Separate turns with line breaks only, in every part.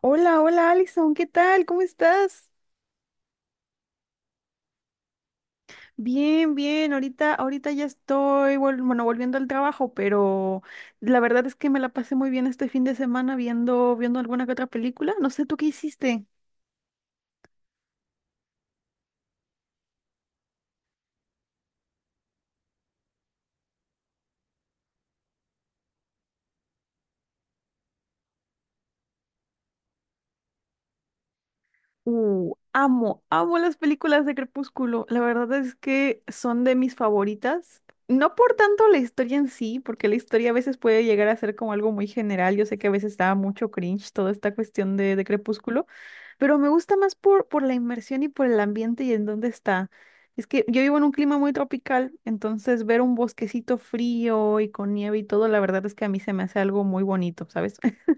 Hola, hola Alison, ¿qué tal? ¿Cómo estás? Bien, bien, ahorita, ahorita ya estoy, bueno, volviendo al trabajo, pero la verdad es que me la pasé muy bien este fin de semana viendo, viendo alguna que otra película. No sé, ¿tú qué hiciste? Amo, amo las películas de Crepúsculo. La verdad es que son de mis favoritas. No por tanto la historia en sí, porque la historia a veces puede llegar a ser como algo muy general. Yo sé que a veces da mucho cringe toda esta cuestión de Crepúsculo. Pero me gusta más por la inmersión y por el ambiente y en dónde está. Es que yo vivo en un clima muy tropical, entonces ver un bosquecito frío y con nieve y todo, la verdad es que a mí se me hace algo muy bonito, ¿sabes?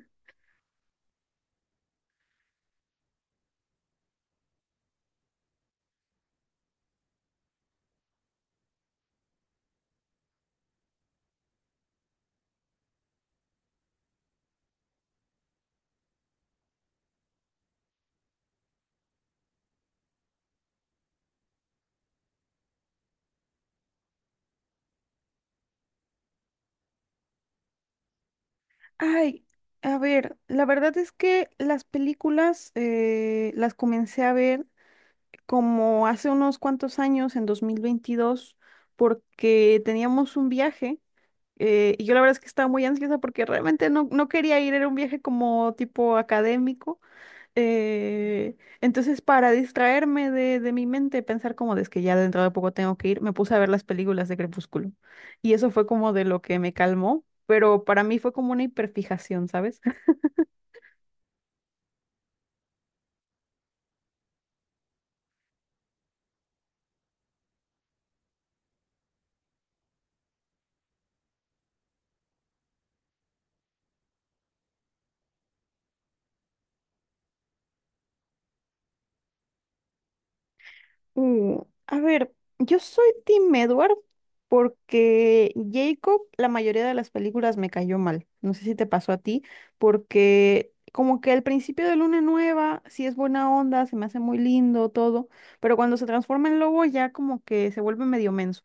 Ay, a ver, la verdad es que las películas las comencé a ver como hace unos cuantos años, en 2022 porque teníamos un viaje. Y yo la verdad es que estaba muy ansiosa porque realmente no, no quería ir, era un viaje como tipo académico. Eh, entonces, para distraerme de mi mente, pensar como de "Es que ya dentro de poco tengo que ir", me puse a ver las películas de Crepúsculo. Y eso fue como de lo que me calmó, pero para mí fue como una hiperfijación, ¿sabes? Uh, a ver, yo soy Tim Edward porque Jacob, la mayoría de las películas me cayó mal. No sé si te pasó a ti, porque como que al principio de Luna Nueva sí es buena onda, se me hace muy lindo todo, pero cuando se transforma en lobo ya como que se vuelve medio menso.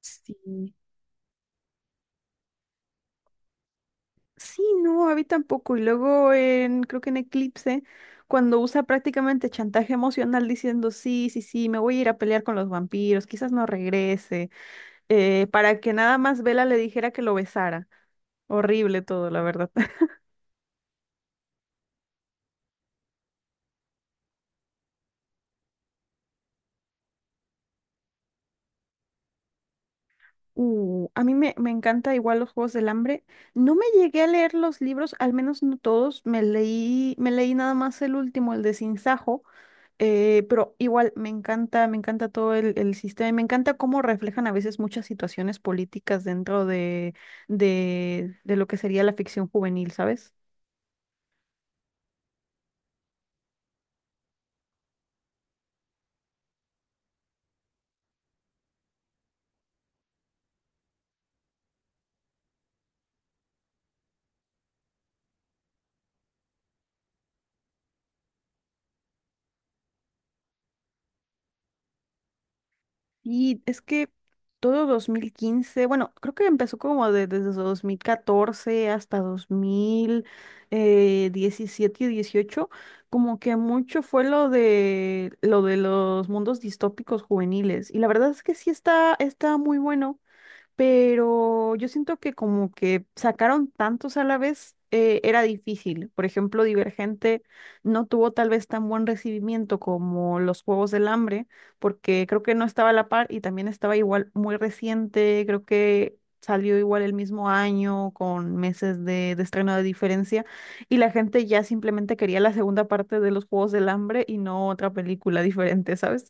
Sí. Sí, no, a mí tampoco. Y luego en, creo que en Eclipse, cuando usa prácticamente chantaje emocional diciendo, sí, sí, sí, me voy a ir a pelear con los vampiros, quizás no regrese. Para que nada más Bella le dijera que lo besara. Horrible todo, la verdad. A mí me encanta igual los Juegos del Hambre. No me llegué a leer los libros, al menos no todos. Me leí nada más el último, el de Sinsajo, pero igual me encanta todo el sistema y me encanta cómo reflejan a veces muchas situaciones políticas dentro de lo que sería la ficción juvenil, ¿sabes? Y es que todo 2015, bueno, creo que empezó como desde 2014 hasta dos mil diecisiete y dieciocho, como que mucho fue lo de los mundos distópicos juveniles. Y la verdad es que sí está muy bueno, pero yo siento que como que sacaron tantos a la vez, era difícil. Por ejemplo, Divergente no tuvo tal vez tan buen recibimiento como Los Juegos del Hambre, porque creo que no estaba a la par y también estaba igual muy reciente, creo que salió igual el mismo año con meses de estreno de diferencia, y la gente ya simplemente quería la segunda parte de Los Juegos del Hambre y no otra película diferente, ¿sabes?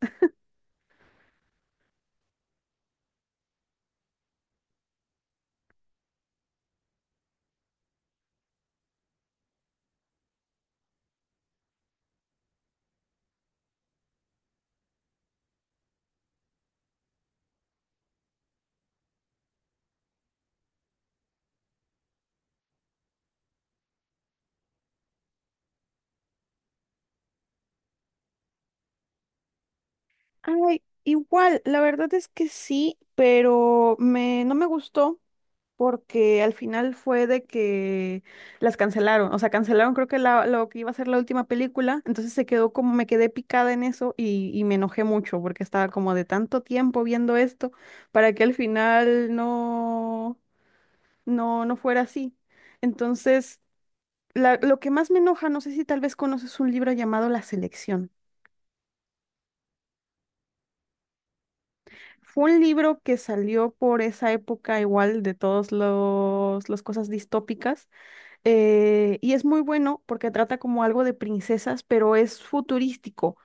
Ay, igual, la verdad es que sí, pero no me gustó porque al final fue de que las cancelaron, o sea, cancelaron creo que lo que iba a ser la última película, entonces se quedó como me quedé picada en eso y me enojé mucho porque estaba como de tanto tiempo viendo esto para que al final no, no, no fuera así. Entonces, lo que más me enoja, no sé si tal vez conoces un libro llamado La Selección. Fue un libro que salió por esa época igual de todos las cosas distópicas, y es muy bueno porque trata como algo de princesas, pero es futurístico.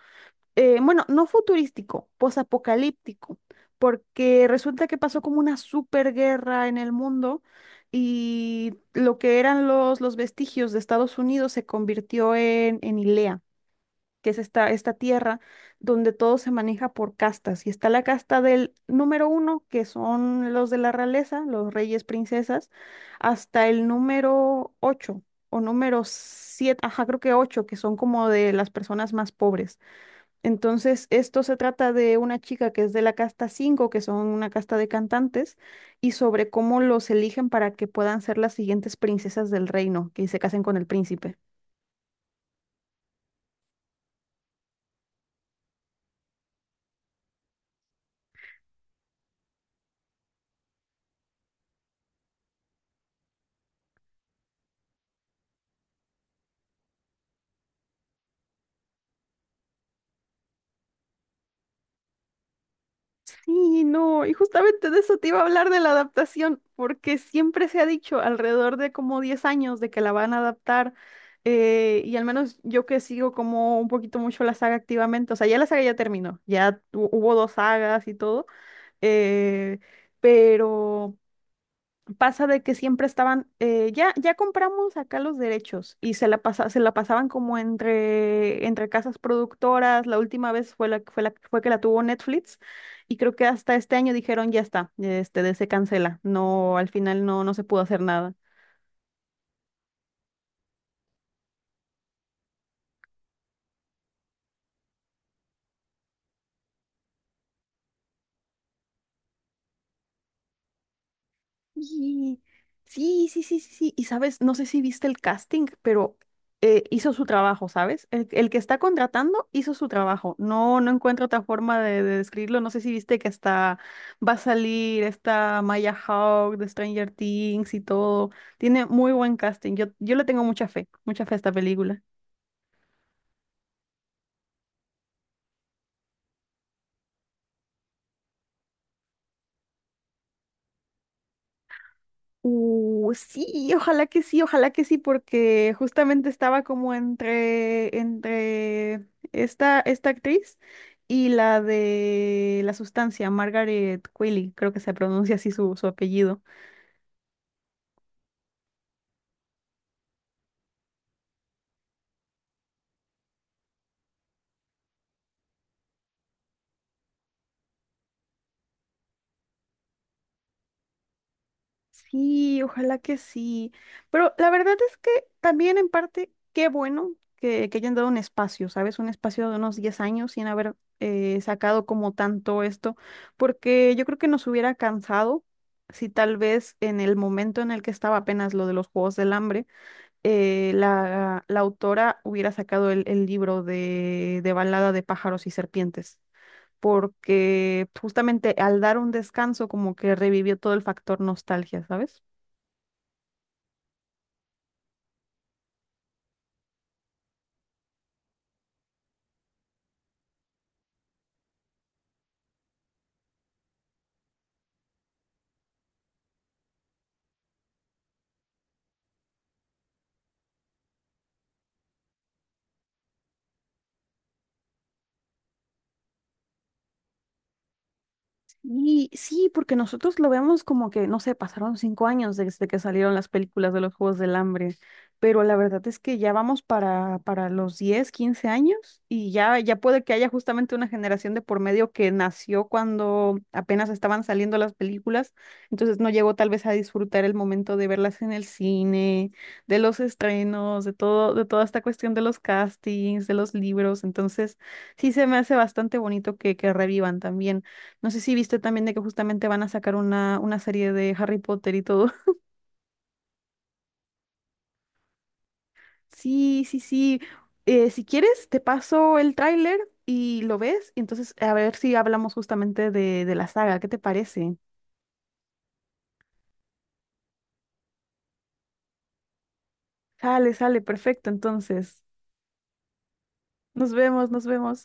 Bueno, no futurístico, posapocalíptico, porque resulta que pasó como una superguerra en el mundo y lo que eran los vestigios de Estados Unidos se convirtió en hilea, que es esta tierra donde todo se maneja por castas. Y está la casta del número uno, que son los de la realeza, los reyes, princesas, hasta el número ocho o número siete, ajá, creo que ocho, que son como de las personas más pobres. Entonces, esto se trata de una chica que es de la casta cinco, que son una casta de cantantes, y sobre cómo los eligen para que puedan ser las siguientes princesas del reino, que se casen con el príncipe. Sí, no, y justamente de eso te iba a hablar de la adaptación, porque siempre se ha dicho alrededor de como 10 años de que la van a adaptar, y al menos yo que sigo como un poquito mucho la saga activamente, o sea, ya la saga ya terminó, ya hubo dos sagas y todo, eh, pero pasa de que siempre estaban, ya compramos acá los derechos y se la pasa, se la pasaban como entre casas productoras. La última vez fue fue que la tuvo Netflix, y creo que hasta este año dijeron ya está, se cancela. No, al final no, no se pudo hacer nada. Y sí, sí, sí, sí, sí. Y sabes, no sé si viste el casting, pero hizo su trabajo, ¿sabes? El que está contratando hizo su trabajo. No, no encuentro otra forma de describirlo. No sé si viste que hasta va a salir esta Maya Hawke de Stranger Things y todo. Tiene muy buen casting. Yo le tengo mucha fe a esta película. Sí, ojalá que sí, ojalá que sí, porque justamente estaba como entre esta actriz y la de La Sustancia, Margaret Qualley, creo que se pronuncia así su apellido. Sí, ojalá que sí. Pero la verdad es que también en parte, qué bueno que, hayan dado un espacio, ¿sabes? Un espacio de unos 10 años sin haber sacado como tanto esto, porque yo creo que nos hubiera cansado si tal vez en el momento en el que estaba apenas lo de los Juegos del Hambre, la autora hubiera sacado el libro de Balada de pájaros y serpientes, porque justamente al dar un descanso como que revivió todo el factor nostalgia, ¿sabes? Y sí, porque nosotros lo vemos como que, no sé, pasaron 5 años desde que salieron las películas de los Juegos del Hambre, pero la verdad es que ya vamos para los 10 15 años, y ya, puede que haya justamente una generación de por medio que nació cuando apenas estaban saliendo las películas, entonces no llegó tal vez a disfrutar el momento de verlas en el cine, de los estrenos, de todo, de toda esta cuestión de los castings, de los libros, entonces sí se me hace bastante bonito que, revivan también. No sé si viste también de que justamente van a sacar una serie de Harry Potter y todo. Sí, sí, sí. Si quieres, te paso el tráiler y lo ves. Y entonces, a ver si hablamos justamente de la saga. ¿Qué te parece? Sale, sale, perfecto. Entonces, nos vemos, nos vemos.